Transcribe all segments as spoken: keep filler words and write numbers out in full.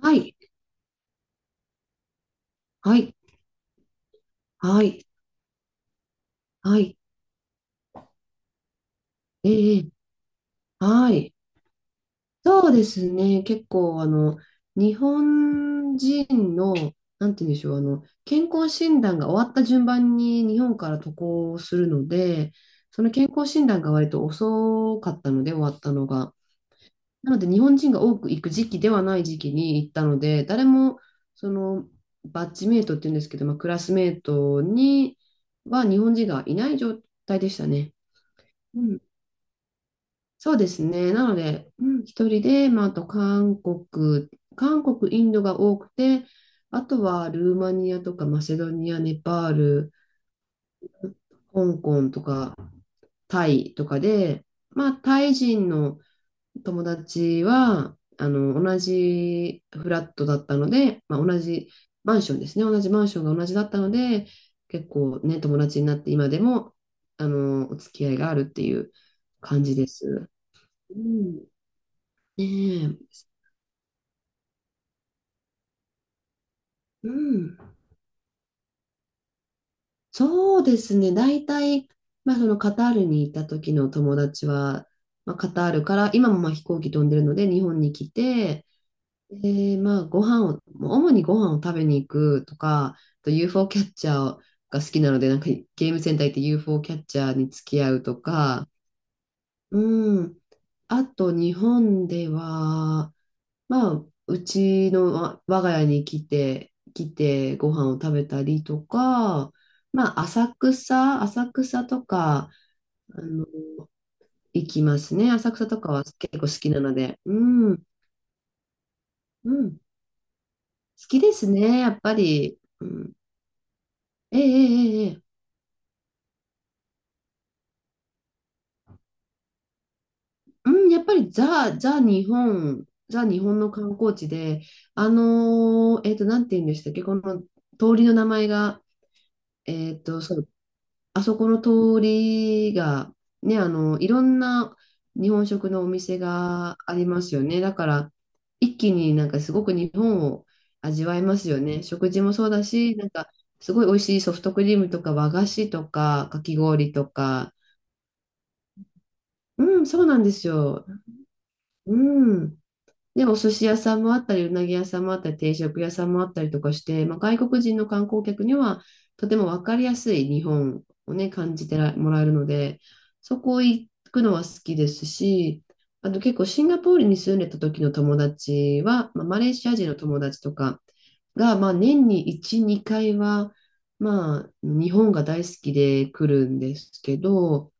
はい、はい、はい、はい、ええ、はい。そうですね、結構、あの、日本人の、なんて言うんでしょう、あの、健康診断が終わった順番に日本から渡航するので、その健康診断が割と遅かったので、終わったのが。なので、日本人が多く行く時期ではない時期に行ったので、誰も、その、バッジメイトって言うんですけど、まあ、クラスメイトには日本人がいない状態でしたね。うん、そうですね。なので、うん、一人で、まあ、あと韓国、韓国、インドが多くて、あとはルーマニアとかマセドニア、ネパール、香港とかタイとかで、まあ、タイ人の友達は、あの、同じフラットだったので、まあ、同じマンションですね。同じマンションが同じだったので、結構ね、友達になって今でも、あの、お付き合いがあるっていう感じです。うん。ねえ、うん、そうですね。大体、まあ、そのカタールにいた時の友達は、まあ、カタールから今もまあ飛行機飛んでるので日本に来て、で、まあ、ご飯を、もう主にご飯を食べに行くとか、あと ユーフォー キャッチャーが好きなので、なんかゲームセンター行って ユーフォー キャッチャーに付き合うとか、うん、あと日本では、まあ、うちのわ我が家に来て、来てご飯を食べたりとか、まあ、浅草、浅草とか、あの、行きますね。浅草とかは結構好きなので。うん、うん。好きですね、やっぱり。うん、ええええええうん、やっぱりザ、ザ日本、ザ日本の観光地で、あのーえっと、なんて言うんでしたっけ、この通りの名前が、えっと、そあそこの通りが、ね、あの、いろんな日本食のお店がありますよね。だから、一気になんかすごく日本を味わえますよね。食事もそうだし、なんか、すごい美味しいソフトクリームとか和菓子とかかき氷とか。うん、そうなんですよ。うん。で、お寿司屋さんもあったり、うなぎ屋さんもあったり、定食屋さんもあったりとかして、まあ、外国人の観光客にはとても分かりやすい日本をね、感じてらもらえるので、そこ行くのは好きですし、あと結構シンガポールに住んでた時の友達は、まあ、マレーシア人の友達とかが、まあ、年にいち、にかいは、まあ、日本が大好きで来るんですけど、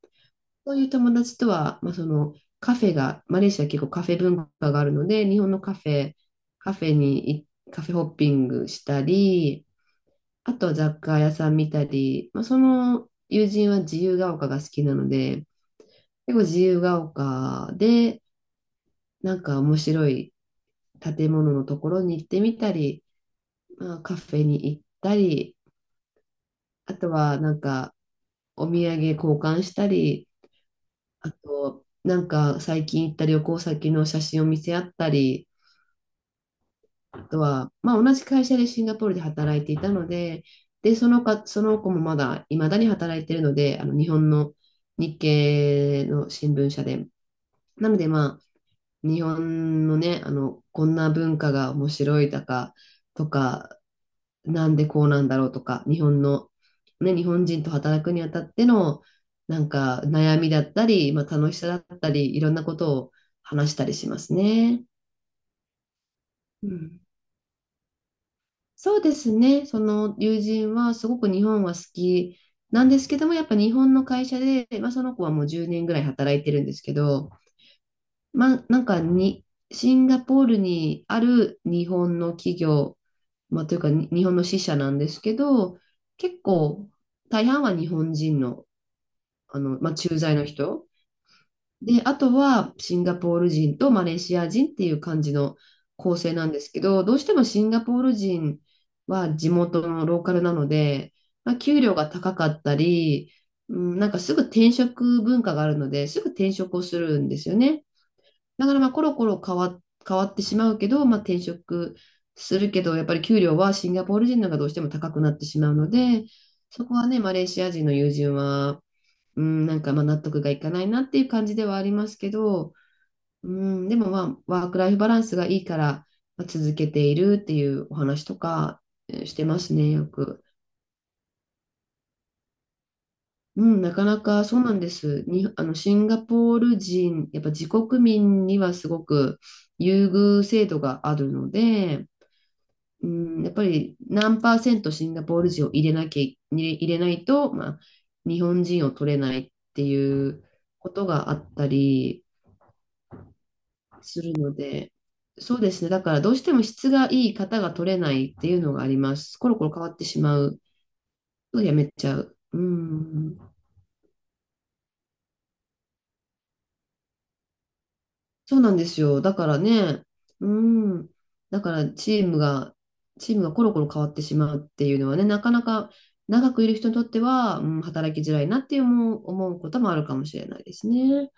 そういう友達とは、まあ、そのカフェが、マレーシア結構カフェ文化があるので、日本のカフェ、カフェにい、カフェホッピングしたり、あとは雑貨屋さん見たり、まあ、その友人は自由が丘が好きなので、結構自由が丘で、なんか面白い建物のところに行ってみたり、まあ、カフェに行ったり、あとはなんかお土産交換したり、あと、なんか最近行った旅行先の写真を見せ合ったり、あとは、まあ同じ会社でシンガポールで働いていたので、で、そのか、その子もまだ、未だに働いているので、あの日本の日系の新聞社で。なのでまあ、日本のね、あの、こんな文化が面白いだか、とか、なんでこうなんだろうとか、日本の、ね、日本人と働くにあたっての、なんか悩みだったり、まあ、楽しさだったり、いろんなことを話したりしますね。うん、そうですね。その友人はすごく日本は好きなんですけども、やっぱ日本の会社で、まあ、その子はもうじゅうねんぐらい働いてるんですけど、ま、なんかに、シンガポールにある日本の企業、まあ、というかに日本の支社なんですけど、結構大半は日本人の、あの、まあ、駐在の人。で、あとはシンガポール人とマレーシア人っていう感じの構成なんですけど、どうしてもシンガポール人は地元のローカルなので、まあ、給料が高かったり、うん、なんかすぐ転職文化があるので、すぐ転職をするんですよね。だからまあコロコロ変わ、変わってしまうけど、まあ、転職するけど、やっぱり給料はシンガポール人の方がどうしても高くなってしまうので、そこはね、マレーシア人の友人は、うん、なんかまあ納得がいかないなっていう感じではありますけど、うん、でもまあ、ワークライフバランスがいいから、まあ、続けているっていうお話とかえーしてますね、よく。うん、なかなかそうなんです。に、あの、シンガポール人、やっぱ自国民にはすごく優遇制度があるので、うん、やっぱり何パーセントシンガポール人を入れなきゃい、入れないと、まあ、日本人を取れないっていうことがあったりするので、そうですね。だからどうしても質がいい方が取れないっていうのがあります。コロコロ変わってしまうとやめちゃう。うん。そうなんですよ。だからね、うん。だからチームが、チームがコロコロ変わってしまうっていうのはね、なかなか長くいる人にとっては、うん、働きづらいなって思う、思うこともあるかもしれないですね。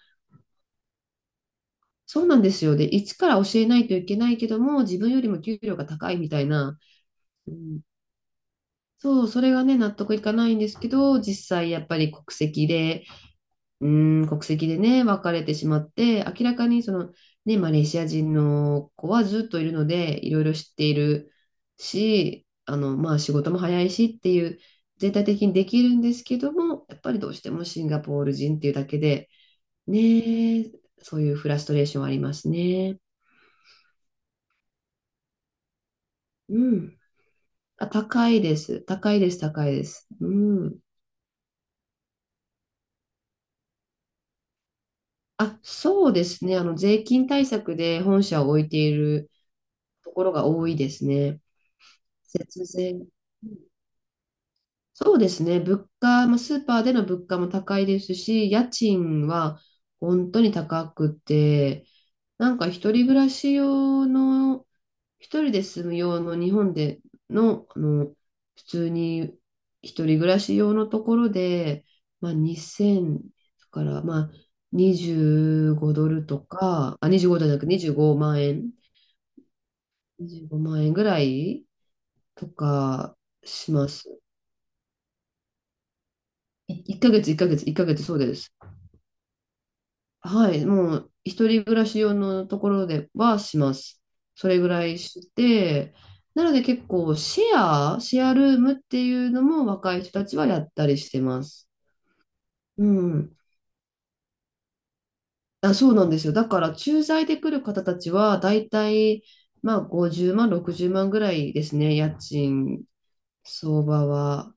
そうなんですよ。で、一から教えないといけないけども、自分よりも給料が高いみたいな、うん、そう、それがね、納得いかないんですけど、実際やっぱり国籍で、うーん、国籍でね、別れてしまって、明らかにその、ね、マレーシア人の子はずっといるので、いろいろ知っているし、あの、まあ仕事も早いしっていう、全体的にできるんですけども、やっぱりどうしてもシンガポール人っていうだけで、ね、そういうフラストレーションはありますね。うん。あ、高いです。高いです、高いです。うん。あ、そうですね。あの、税金対策で本社を置いているところが多いですね。節税。そうですね。物価、まあ、スーパーでの物価も高いですし、家賃は本当に高くて、なんか一人暮らし用の、一人で住む用の日本での、あの、普通に一人暮らし用のところで、まあ、にせんから、まあ、にじゅうごドルとか、あ、にじゅうごドルじゃなく25万円、25万円、ぐらいとかします。いっかげつ、いっかげつ、いっかげつ、そうです。はい、もう、一人暮らし用のところではします。それぐらいして、なので結構、シェア、シェアルームっていうのも若い人たちはやったりしてます。うん。あ、そうなんですよ。だから、駐在で来る方たちは、だいたい、まあ、ごじゅうまん、ろくじゅうまんぐらいですね、家賃相場は。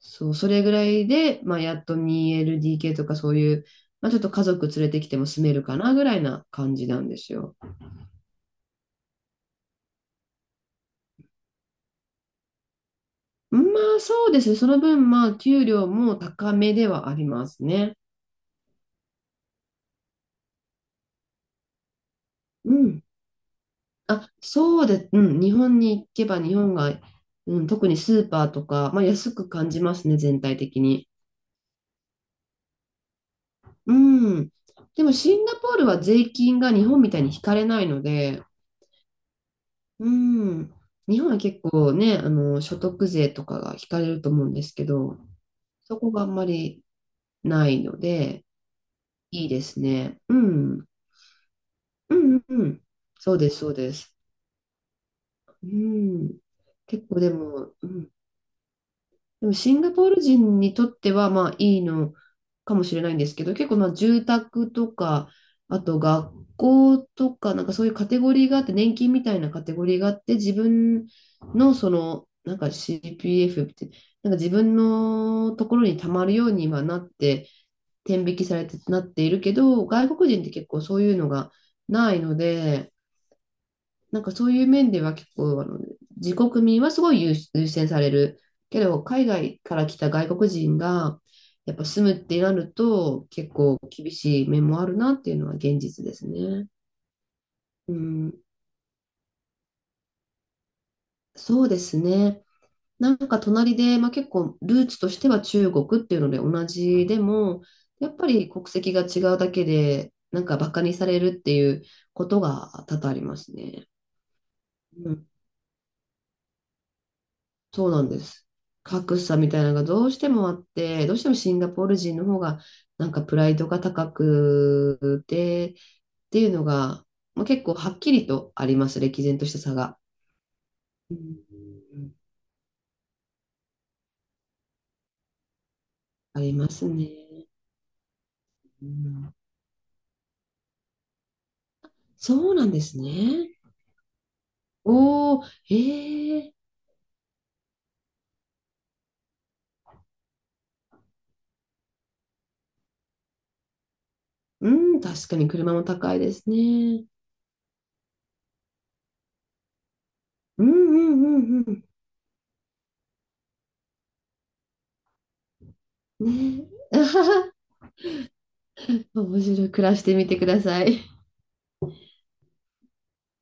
そう、それぐらいで、まあ、やっと ツーエルディーケー とかそういう、まあ、ちょっと家族連れてきても住めるかなぐらいな感じなんですよ。まあ、そうですね。その分、まあ、給料も高めではありますね。うん。あ、そうで、うん。日本に行けば、日本が、うん、特にスーパーとか、まあ、安く感じますね、全体的に。うん。でも、シンガポールは税金が日本みたいに引かれないので、うん。日本は結構ね、あの、所得税とかが引かれると思うんですけど、そこがあんまりないので、いいですね。うん。うんうんうん。そうです、そうです。うん。結構でも、うん、でもシンガポール人にとってはまあいいのかもしれないんですけど、結構まあ住宅とか、あと学校とか、なんかそういうカテゴリーがあって、年金みたいなカテゴリーがあって、自分のその、なんか シーピーエフ って、なんか自分のところに貯まるようにはなって、天引きされてなっているけど、外国人って結構そういうのがないので、なんかそういう面では結構、あの、自国民はすごい優優先される。けど、海外から来た外国人が、やっぱ住むってなると、結構厳しい面もあるなっていうのは現実ですね。うん、そうですね。なんか隣で、まあ、結構ルーツとしては中国っていうので同じでも、やっぱり国籍が違うだけで、なんかバカにされるっていうことが多々ありますね。うん、そうなんです。格差みたいなのがどうしてもあって、どうしてもシンガポール人の方がなんかプライドが高くてっていうのが、まあ、結構はっきりとあります、歴然とした差が。うん、ありますね。うん、そうなんですね。おお、ええ、うん、確かに車も高いですね。うんうんうんうん。ね。面白い。暮らしてみてください。